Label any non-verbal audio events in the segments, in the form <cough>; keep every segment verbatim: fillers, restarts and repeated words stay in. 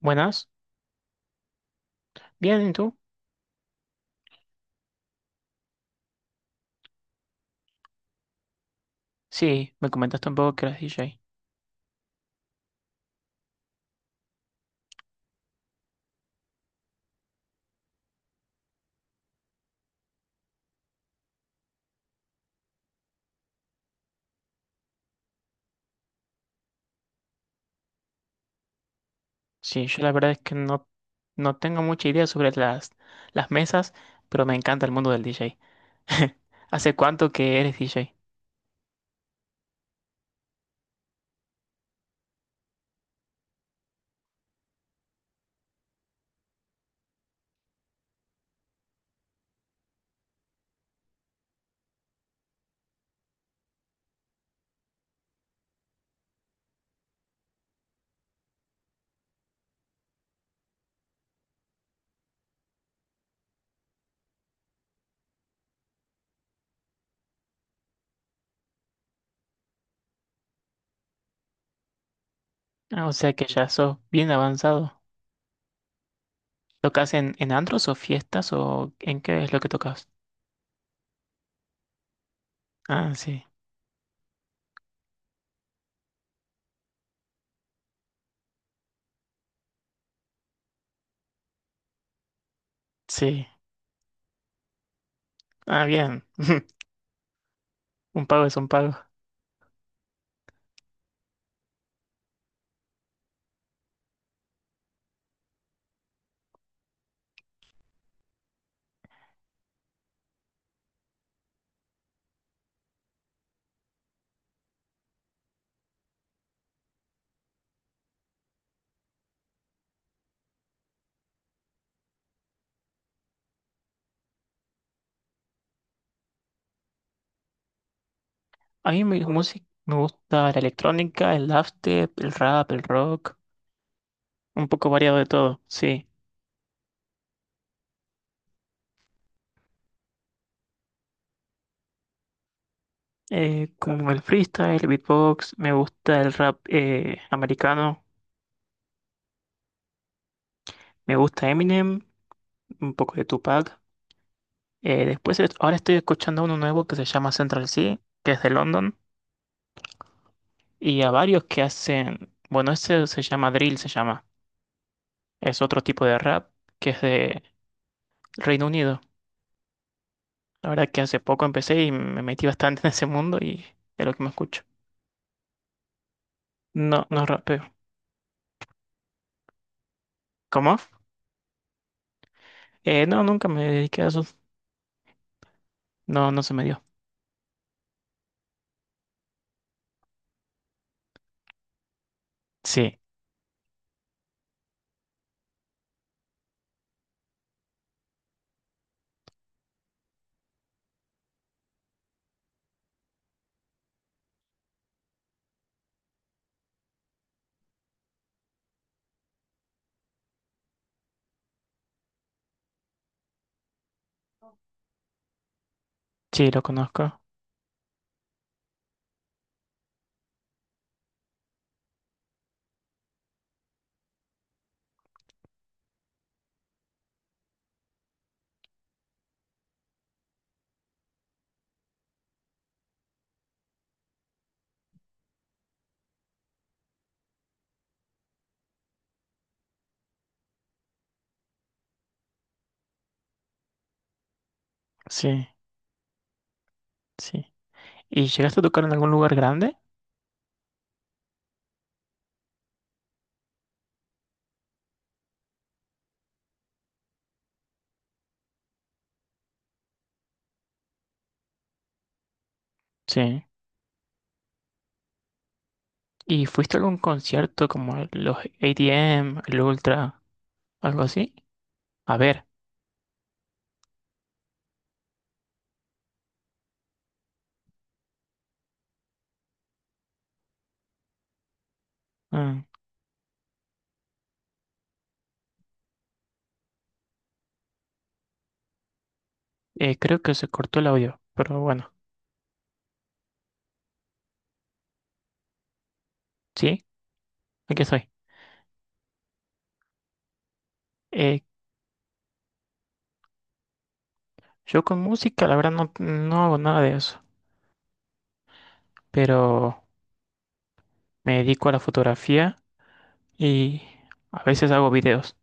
Buenas, bien, ¿y tú? Sí, me comentaste un poco que eras D J. Sí, yo la verdad es que no, no tengo mucha idea sobre las, las mesas, pero me encanta el mundo del D J. <laughs> ¿Hace cuánto que eres D J? Ah, o sea que ya sos bien avanzado. ¿Tocas en, en antros o fiestas o en qué es lo que tocas? Ah, sí, sí. Ah, bien. <laughs> Un pago es un pago. A mí mi música me gusta la electrónica, el dubstep, el rap, el rock, un poco variado de todo, sí. Eh, como el freestyle, el beatbox, me gusta el rap eh, americano, me gusta Eminem, un poco de Tupac. Eh, después, est- ahora estoy escuchando uno nuevo que se llama Central C, que es de London, y a varios que hacen, bueno, ese se llama drill, se llama, es otro tipo de rap que es de Reino Unido. La verdad que hace poco empecé y me metí bastante <laughs> en ese mundo y es lo que me escucho. No, no rapeo. ¿Cómo? Eh, no, nunca me dediqué a eso. No, no se me dio. Sí, sí, lo conozco. Sí. Sí. ¿Y llegaste a tocar en algún lugar grande? Sí. ¿Y fuiste a algún concierto como el- los A T M, el Ultra, algo así? A ver, mm, eh, creo que se cortó el audio, pero bueno, sí, aquí estoy. Eh, yo con música, la verdad, no, no hago nada de eso, pero me dedico a la fotografía y a veces hago videos.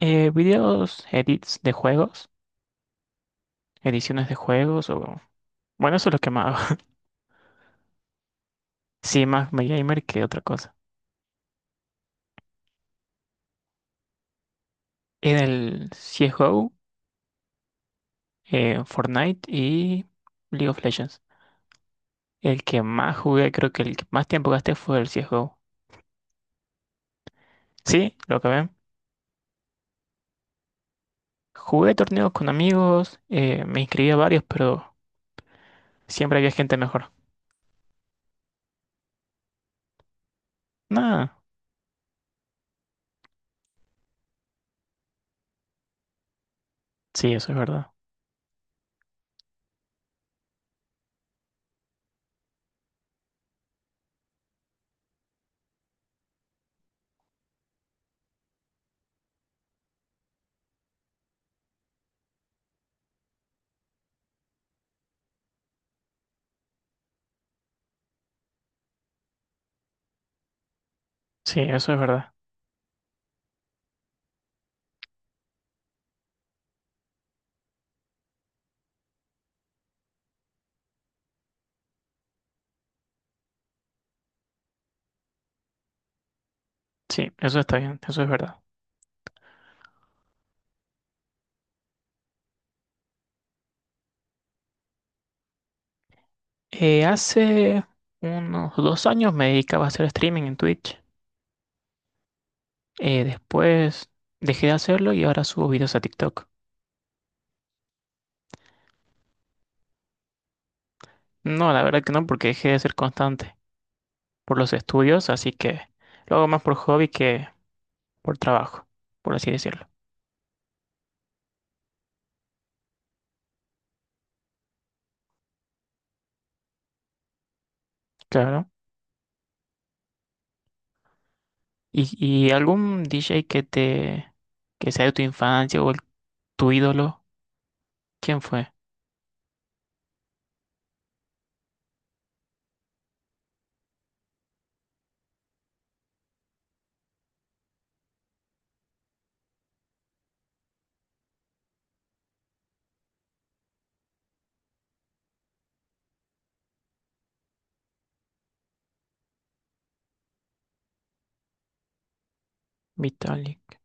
Eh, videos, edits de juegos, ediciones de juegos o... Bueno, eso es lo que más hago. <laughs> Sí, más gamer que otra cosa. En el C S G O, eh, Fortnite y League of Legends. El que más jugué, creo que el que más tiempo gasté fue el C S G O. Sí, lo que ven. Jugué torneos con amigos, eh, me inscribí a varios, pero siempre había gente mejor. Nada, sí, eso es verdad. Sí, eso es verdad. Sí, eso está bien, eso es verdad. Eh, hace unos dos años me dedicaba a hacer streaming en Twitch. Eh, después dejé de hacerlo y ahora subo videos a TikTok. No, la verdad que no, porque dejé de ser constante. Por los estudios, así que lo hago más por hobby que por trabajo, por así decirlo. Claro. ¿Y, y algún D J que te que sea de tu infancia o el- tu ídolo? ¿Quién fue? Vitalik.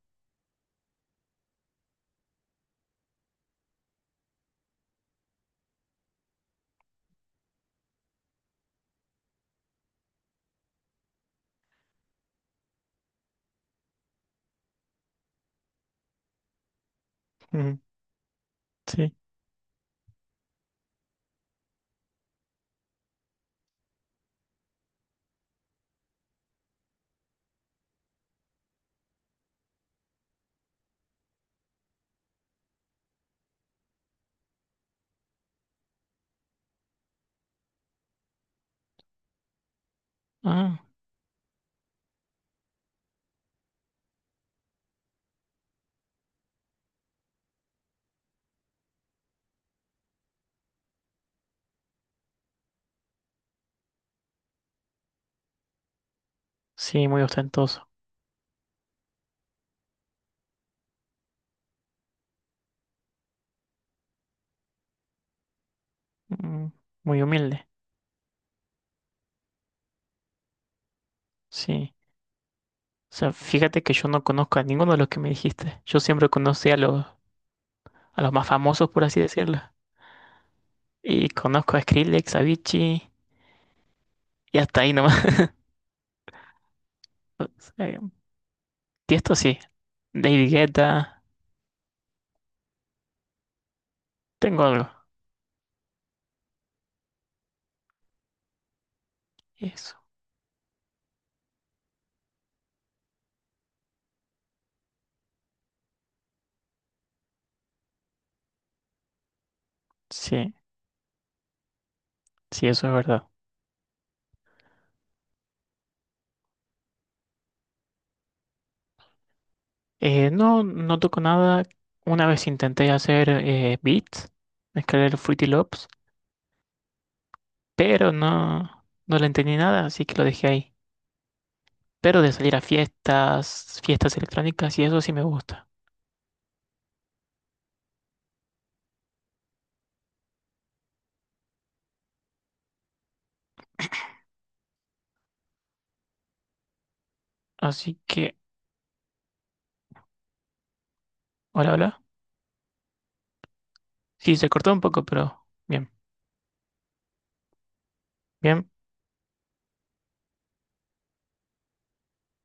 Ujú, sí. Ah, sí, muy ostentoso. Mm, muy humilde. Sí. O sea, fíjate que yo no conozco a ninguno de los que me dijiste. Yo siempre conocí a los, a los más famosos, por así decirlo. Y conozco a Skrillex, a Avicii y hasta ahí nomás. <laughs> O sea, Tiesto sí. David Guetta. Tengo algo. Eso. Sí, sí, eso es verdad. Eh, no, no toco nada. Una vez intenté hacer eh, beats, mezclar Fruity Loops, pero no, no le entendí nada, así que lo dejé ahí. Pero de salir a fiestas, fiestas electrónicas y eso sí me gusta. Así que, hola, hola. Sí, se cortó un poco, pero bien, bien.